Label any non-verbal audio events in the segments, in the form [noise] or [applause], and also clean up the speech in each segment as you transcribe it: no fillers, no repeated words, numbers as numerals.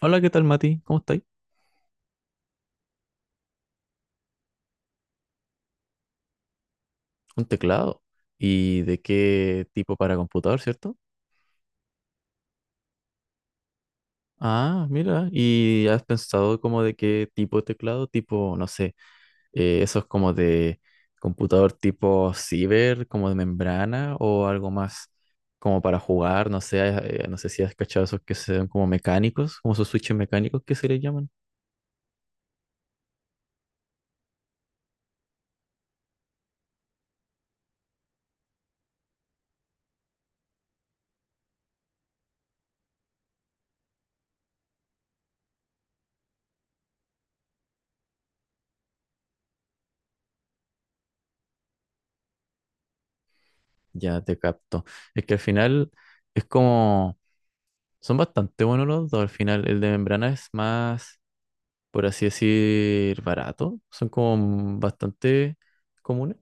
Hola, ¿qué tal, Mati? ¿Cómo estáis? Un teclado. ¿Y de qué tipo para computador, cierto? Ah, mira, ¿y has pensado como de qué tipo de teclado? Tipo, no sé, esos como de computador tipo ciber, como de membrana o algo más como para jugar, no sé, no sé si has cachado esos que son como mecánicos, como esos switches mecánicos que se les llaman. Ya te capto. Es que al final es como, son bastante buenos los dos, al final el de membrana es más, por así decir, barato. Son como bastante comunes.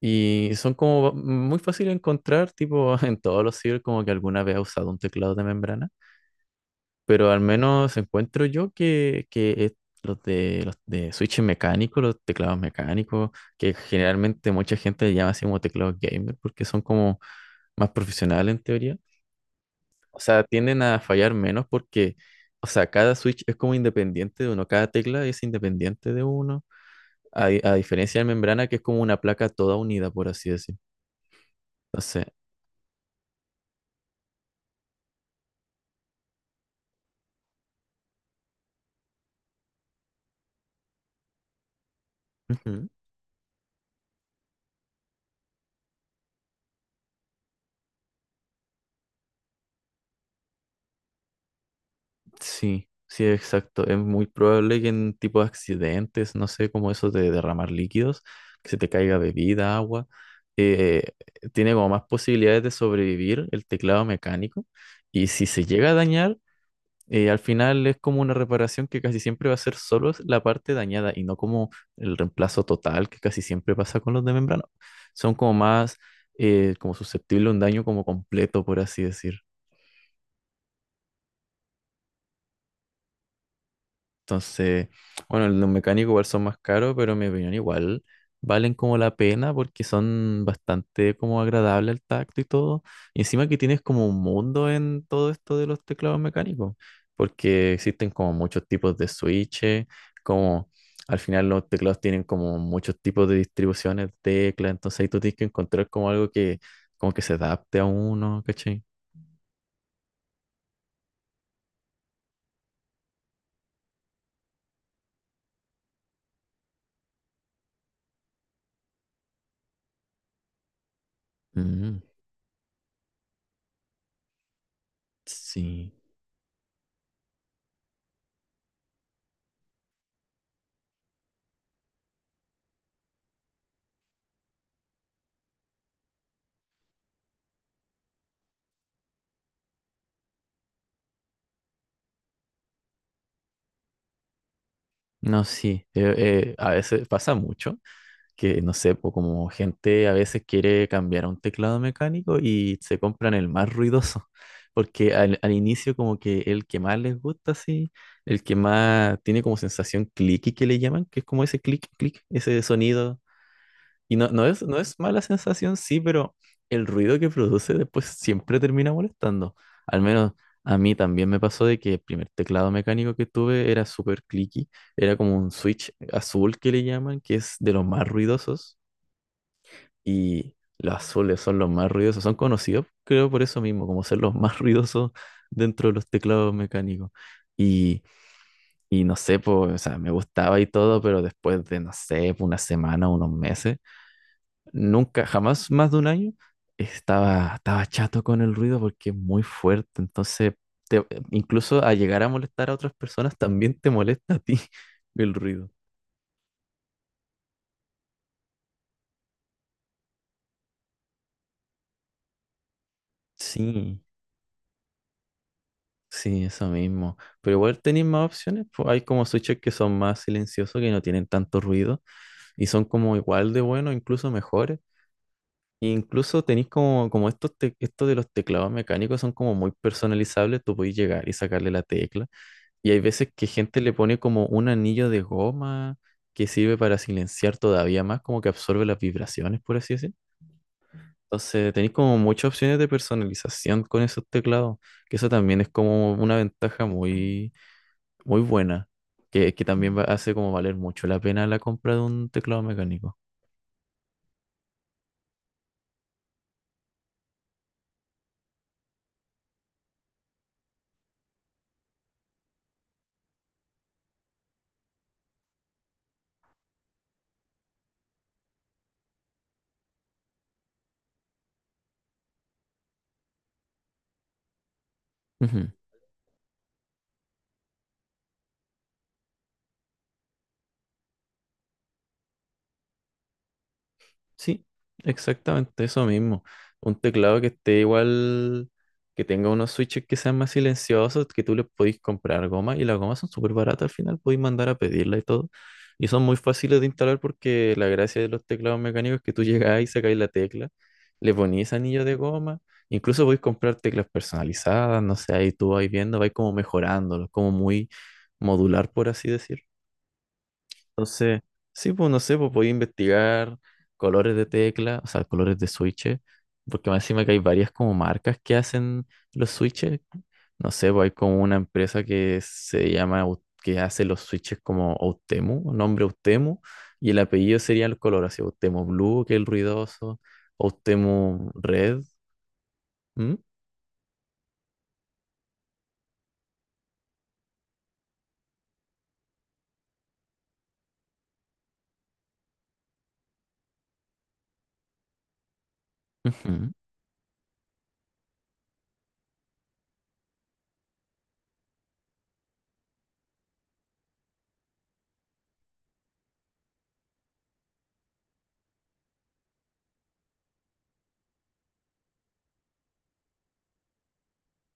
Y son como muy fáciles de encontrar, tipo [laughs] en todos los sitios como que alguna vez ha usado un teclado de membrana. Pero al menos encuentro yo que los de switches mecánicos, los teclados mecánicos, que generalmente mucha gente le llama así como teclados gamer, porque son como más profesionales en teoría. O sea, tienden a fallar menos porque, o sea, cada switch es como independiente de uno, cada tecla es independiente de uno. A diferencia de membrana, que es como una placa toda unida, por así decir. Entonces, ujú, sí, sí, exacto. Es muy probable que en tipo de accidentes, no sé, como eso de derramar líquidos, que se te caiga bebida, agua, eh, tiene como más posibilidades de sobrevivir el teclado mecánico. Y si se llega a dañar, al final es como una reparación que casi siempre va a ser solo la parte dañada y no como el reemplazo total que casi siempre pasa con los de membrana. Son como más como susceptibles a un daño como completo, por así decir. Entonces, bueno, los mecánicos igual son más caros, pero en mi opinión igual valen como la pena porque son bastante como agradable al tacto y todo. Y encima que tienes como un mundo en todo esto de los teclados mecánicos, porque existen como muchos tipos de switches, como al final los teclados tienen como muchos tipos de distribuciones de teclas, entonces ahí tú tienes que encontrar como algo que como que se adapte a uno, ¿cachai? Mm, sí. No, sí, a veces pasa mucho que no sé, po, como gente a veces quiere cambiar a un teclado mecánico y se compran el más ruidoso, [laughs] porque al inicio como que el que más les gusta, así, el que más tiene como sensación clicky que le llaman, que es como ese clic, clic, ese sonido, y no, no es mala sensación, sí, pero el ruido que produce después siempre termina molestando, al menos. A mí también me pasó de que el primer teclado mecánico que tuve era súper clicky, era como un switch azul que le llaman, que es de los más ruidosos, y los azules son los más ruidosos, son conocidos, creo, por eso mismo, como ser los más [laughs] ruidosos dentro de los teclados mecánicos. Y, y no sé, pues, o sea, me gustaba y todo, pero después de, no sé, po, una semana, unos meses, nunca, jamás más de un año, estaba chato con el ruido porque es muy fuerte. Entonces, te- incluso a llegar a molestar a otras personas, también te molesta a ti [laughs] el ruido. Sí. Sí, eso mismo. Pero igual tenéis más opciones, pues hay como switches que son más silenciosos, que no tienen tanto ruido y son como igual de buenos, incluso mejores. E incluso tenéis como, estos de los teclados mecánicos son como muy personalizables. Tú podéis llegar y sacarle la tecla. Y hay veces que gente le pone como un anillo de goma que sirve para silenciar todavía más, como que absorbe las vibraciones, por así decir. Entonces tenéis como muchas opciones de personalización con esos teclados, que eso también es como una ventaja muy muy buena, que también hace como valer mucho la pena la compra de un teclado mecánico. Ujú. Sí, exactamente eso mismo. Un teclado que esté igual, que tenga unos switches que sean más silenciosos, que tú le podís comprar goma y las gomas son súper baratas al final, podéis mandar a pedirla y todo. Y son muy fáciles de instalar porque la gracia de los teclados mecánicos es que tú llegás y sacáis la tecla, le ponís anillo de goma, incluso podéis comprar teclas personalizadas, no sé, ahí tú vais viendo, vais como mejorándolos, como muy modular, por así decir. Entonces, sí, pues no sé, pues podía investigar colores de tecla, o sea, colores de switches, porque más encima que hay varias como marcas que hacen los switches. No sé, pues hay como una empresa que se llama, que hace los switches como Outemu, nombre Outemu, y el apellido sería el color, así Outemu Blue, que es el ruidoso, Outemu Red. ¿Mm? Ujú.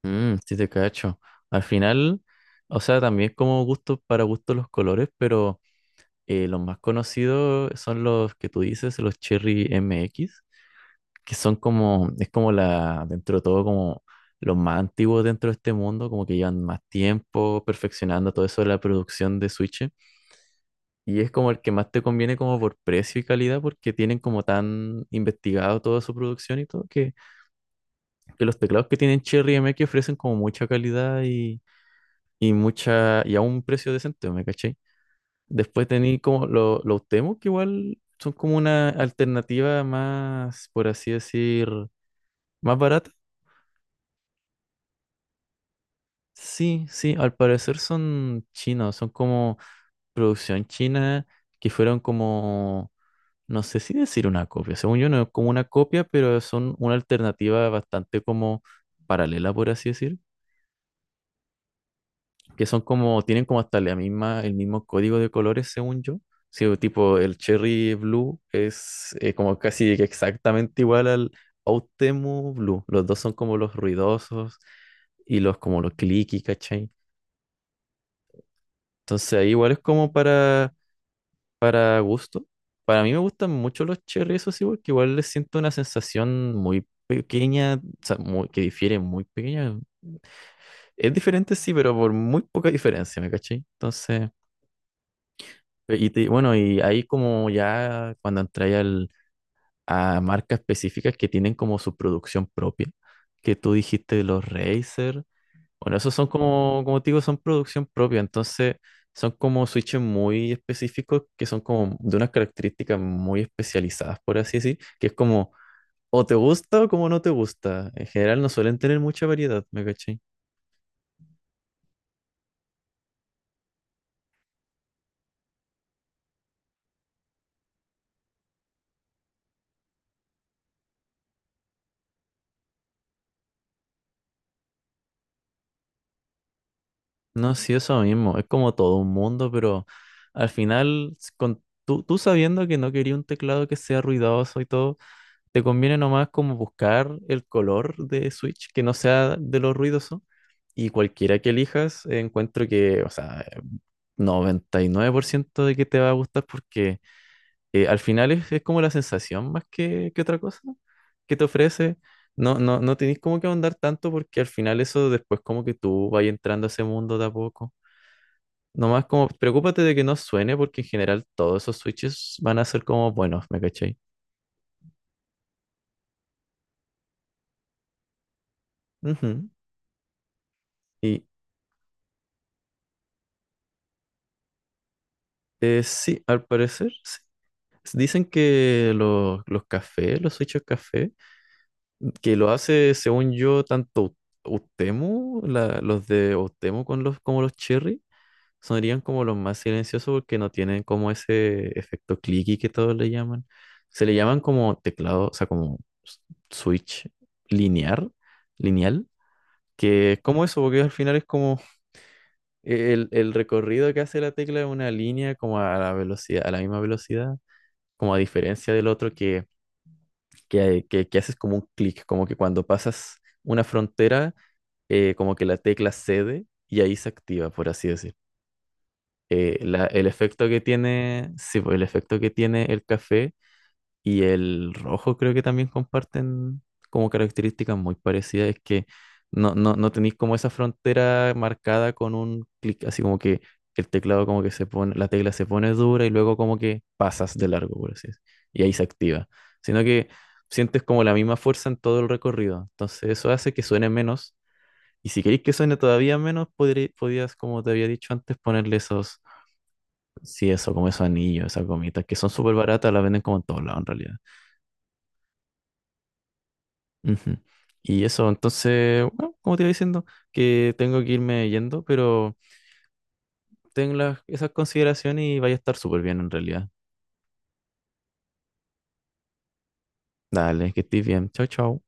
Mm, sí te cacho. Al final, o sea, también como gusto para gusto los colores, pero los más conocidos son los que tú dices, los Cherry MX, que son como, es como la, dentro de todo, como los más antiguos dentro de este mundo, como que llevan más tiempo perfeccionando todo eso de la producción de Switch. Y es como el que más te conviene como por precio y calidad, porque tienen como tan investigado toda su producción y todo, que los teclados que tienen Cherry MX ofrecen como mucha calidad y mucha, y a un precio decente, ¿me caché? Después tenéis como los demos, que igual son como una alternativa más, por así decir, más barata. Sí, sí, al parecer son chinos, son como producción china, que fueron como, no sé si decir una copia, según yo no es como una copia, pero son una alternativa bastante como paralela, por así decir. Que son como, tienen como hasta la misma, el mismo código de colores, según yo. Sí, o tipo el Cherry Blue es, como casi que exactamente igual al Outemu Blue. Los dos son como los ruidosos y los como los clicky, ¿cachai? Entonces ahí igual es como para, gusto. Para mí me gustan mucho los cherry, eso sí, porque igual les siento una sensación muy pequeña, o sea, que difiere muy pequeña. Es diferente, sí, pero por muy poca diferencia, ¿me cachai? Entonces, Y bueno, y ahí como ya cuando entré a marcas específicas que tienen como su producción propia, que tú dijiste de los Razer, bueno, esos son como, como te digo, son producción propia, entonces son como switches muy específicos que son como de unas características muy especializadas, por así decir, que es como o te gusta o como no te gusta. En general no suelen tener mucha variedad, ¿me caché? No, sí, eso mismo. Es como todo un mundo, pero al final, con, tú sabiendo que no quería un teclado que sea ruidoso y todo, te conviene nomás como buscar el color de Switch que no sea de lo ruidoso. Y cualquiera que elijas, encuentro que, o sea, 99% de que te va a gustar porque al final es como la sensación más que otra cosa que te ofrece. No, no, no tenés como que ahondar tanto porque al final eso después como que tú vas entrando a ese mundo de a poco. Nomás como, preocúpate de que no suene, porque en general todos esos switches van a ser como buenos, ¿me cachai? Ujú. Y sí, al parecer, sí. Dicen que los cafés, los switches café, que lo hace, según yo, tanto Utemu, los de Utemu con los, como los Cherry, sonarían como los más silenciosos porque no tienen como ese efecto clicky que todos le llaman. Se le llaman como teclado, o sea, como s- switch lineal, lineal. Que es como eso, porque al final es como el recorrido que hace la tecla de una línea como a la velocidad, a la misma velocidad, como a diferencia del otro que haces como un clic, como que cuando pasas una frontera, como que la tecla cede y ahí se activa, por así decir. El efecto que tiene, sí, pues, el efecto que tiene el café y el rojo creo que también comparten como características muy parecidas. Es que no, no, no tenéis como esa frontera marcada con un clic, así como que el teclado como que se pone, la tecla se pone dura y luego como que pasas de largo, por así decirlo. Y ahí se activa. Sino que sientes como la misma fuerza en todo el recorrido. Entonces eso hace que suene menos. Y si queréis que suene todavía menos, podías, como te había dicho antes, ponerle esos, sí, eso, como esos anillos, esas gomitas, que son súper baratas, las venden como en todos lados en realidad. Ujú. Y eso, entonces, bueno, como te iba diciendo, que tengo que irme yendo, pero ten las, esas consideraciones y vaya a estar súper bien en realidad. Dale, que estés bien. Chao, chao.